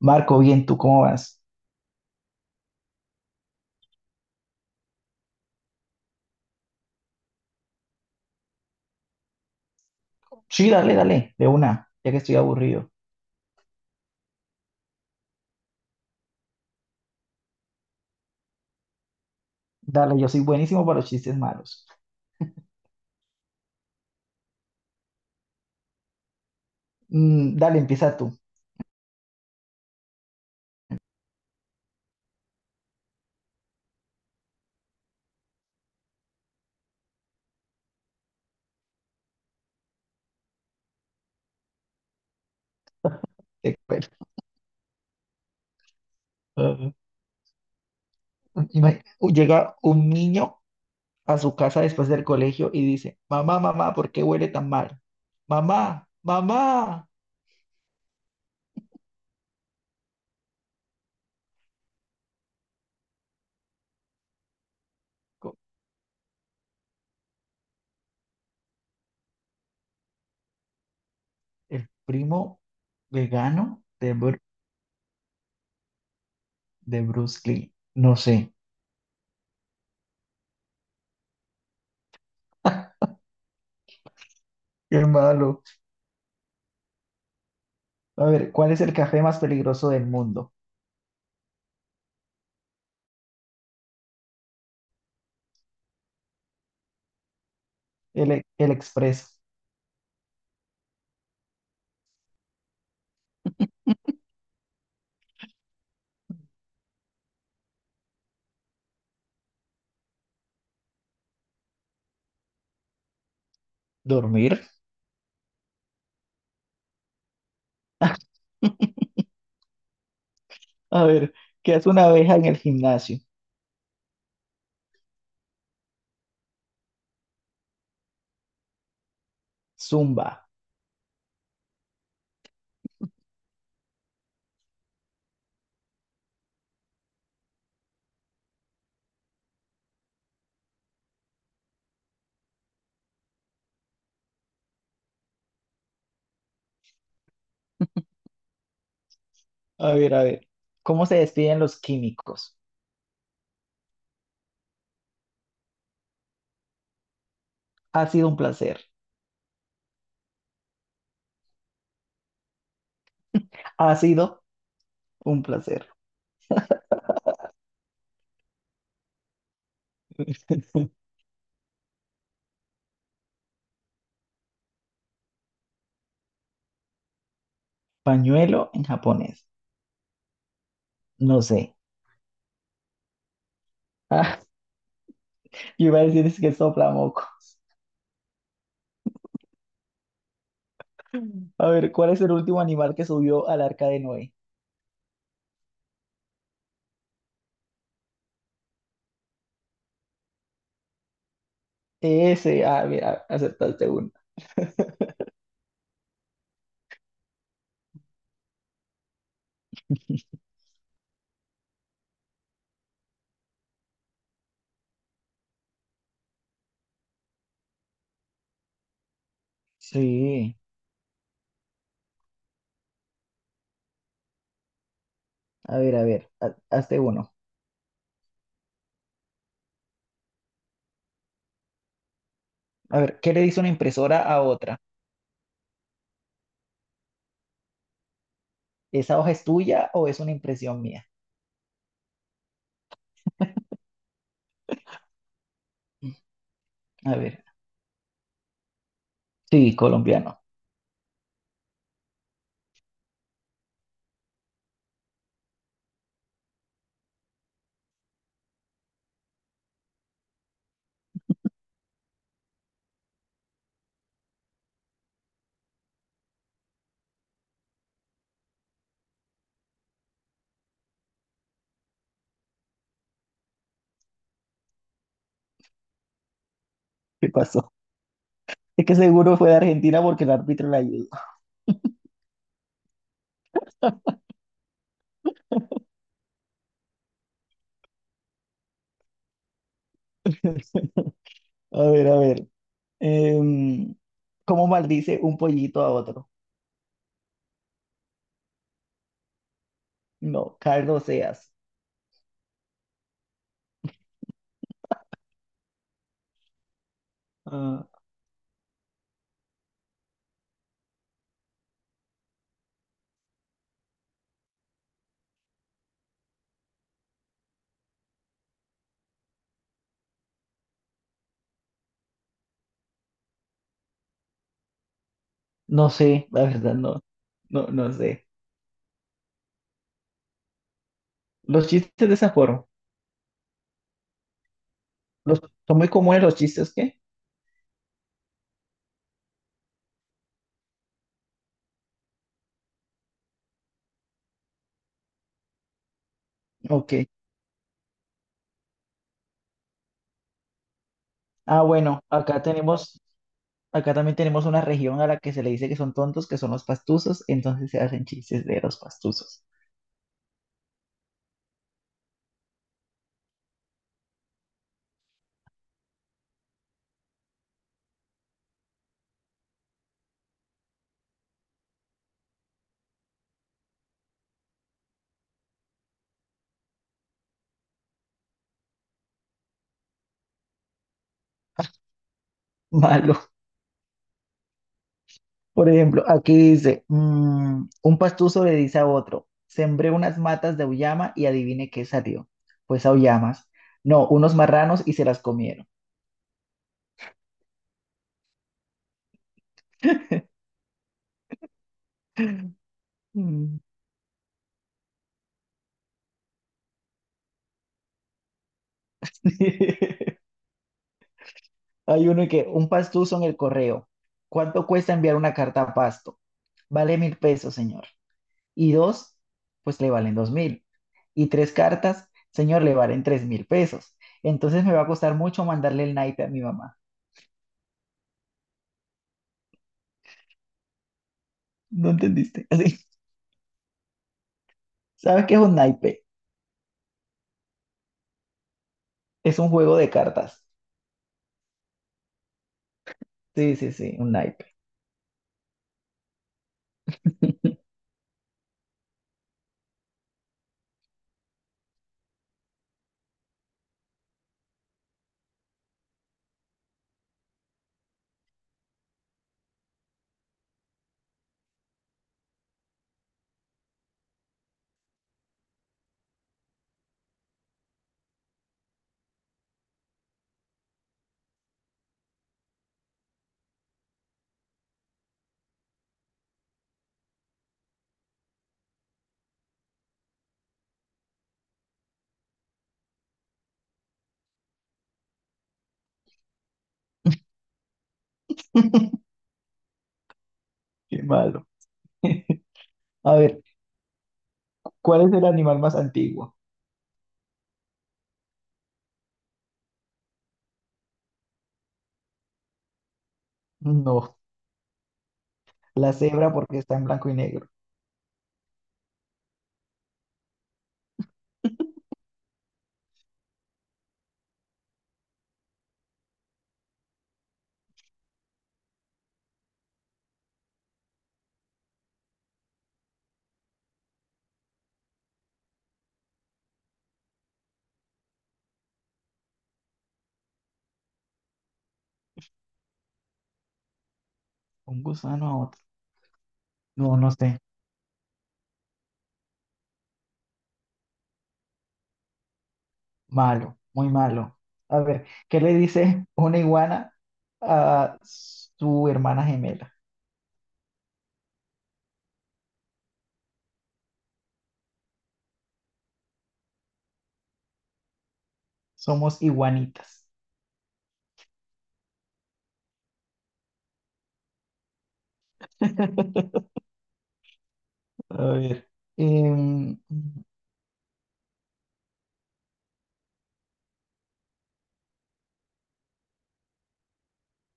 Marco, bien, ¿tú cómo vas? Sí, dale, dale, de una, ya que estoy aburrido. Dale, yo soy buenísimo para los chistes malos. Dale, empieza tú. Te cuento. Ajá. Llega un niño a su casa después del colegio y dice, mamá, mamá, ¿por qué huele tan mal? Mamá, mamá. Co- El primo vegano de, de Bruce Lee. No sé. Qué malo. A ver, ¿cuál es el café más peligroso del mundo? El, el expreso. ¿Dormir? A ver, ¿qué hace una abeja en el gimnasio? Zumba. A ver, a ver. ¿Cómo se despiden los químicos? Ha sido un placer. Ha sido un placer. Pañuelo en japonés. No sé. Ah, yo iba a decir es que sopla moco. A ver, ¿cuál es el último animal que subió al arca de Noé? Ese. Ah, mira, acertaste uno. Sí. A ver, a ver. Hazte uno. A ver, ¿qué le dice una impresora a otra? ¿Esa hoja es tuya o es una impresión mía? A ver. Sí, colombiano. ¿Qué pasó? Es que seguro fue de Argentina porque el árbitro la ayudó. A ver, a ver. Em, ¿cómo maldice un pollito a otro? No, Carlos Seas. Ah, no sé, la verdad, no. No, no sé. Los chistes de esa forma. Los, son muy comunes los chistes, ¿qué? Ok. Ah, bueno, acá tenemos, acá también tenemos una región a la que se le dice que son tontos, que son los pastusos, entonces se hacen chistes de los pastusos. Malo. Por ejemplo, aquí dice, un pastuso le dice a otro, sembré unas matas de auyama y adivine qué salió. Pues auyamas. No, unos marranos y se las comieron. Mm. Hay uno que, un pastuso en el correo. ¿Cuánto cuesta enviar una carta a Pasto? Vale 1.000 pesos, señor. Y dos, pues le valen 2.000. Y tres cartas, señor, le valen 3.000 pesos. Entonces me va a costar mucho mandarle el naipe a mi mamá. ¿No entendiste? Así, ¿sabes qué es un naipe? Es un juego de cartas. Sí, sí, sí, un naipe. Qué malo. A ver, ¿cuál es el animal más antiguo? No, la cebra porque está en blanco y negro. Un gusano a otro. No, no sé. Malo, muy malo. A ver, ¿qué le dice una iguana a su hermana gemela? Somos iguanitas. A ver, em,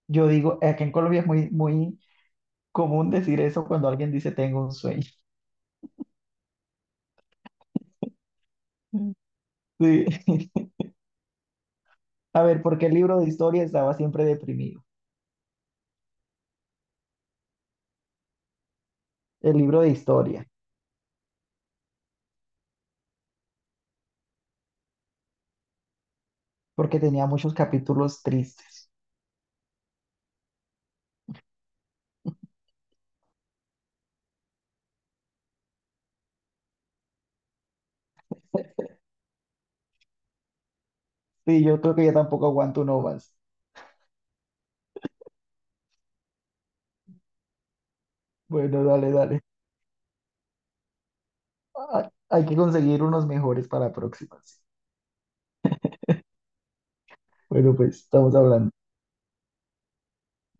yo digo, aquí en Colombia es muy, muy común decir eso cuando alguien dice tengo un sueño. Sí. A ver, ¿por qué el libro de historia estaba siempre deprimido? El libro de historia, porque tenía muchos capítulos tristes. Sí, yo creo que ya tampoco aguanto uno más. Bueno, dale, dale. Ah, hay que conseguir unos mejores para próximas. Bueno, pues estamos hablando.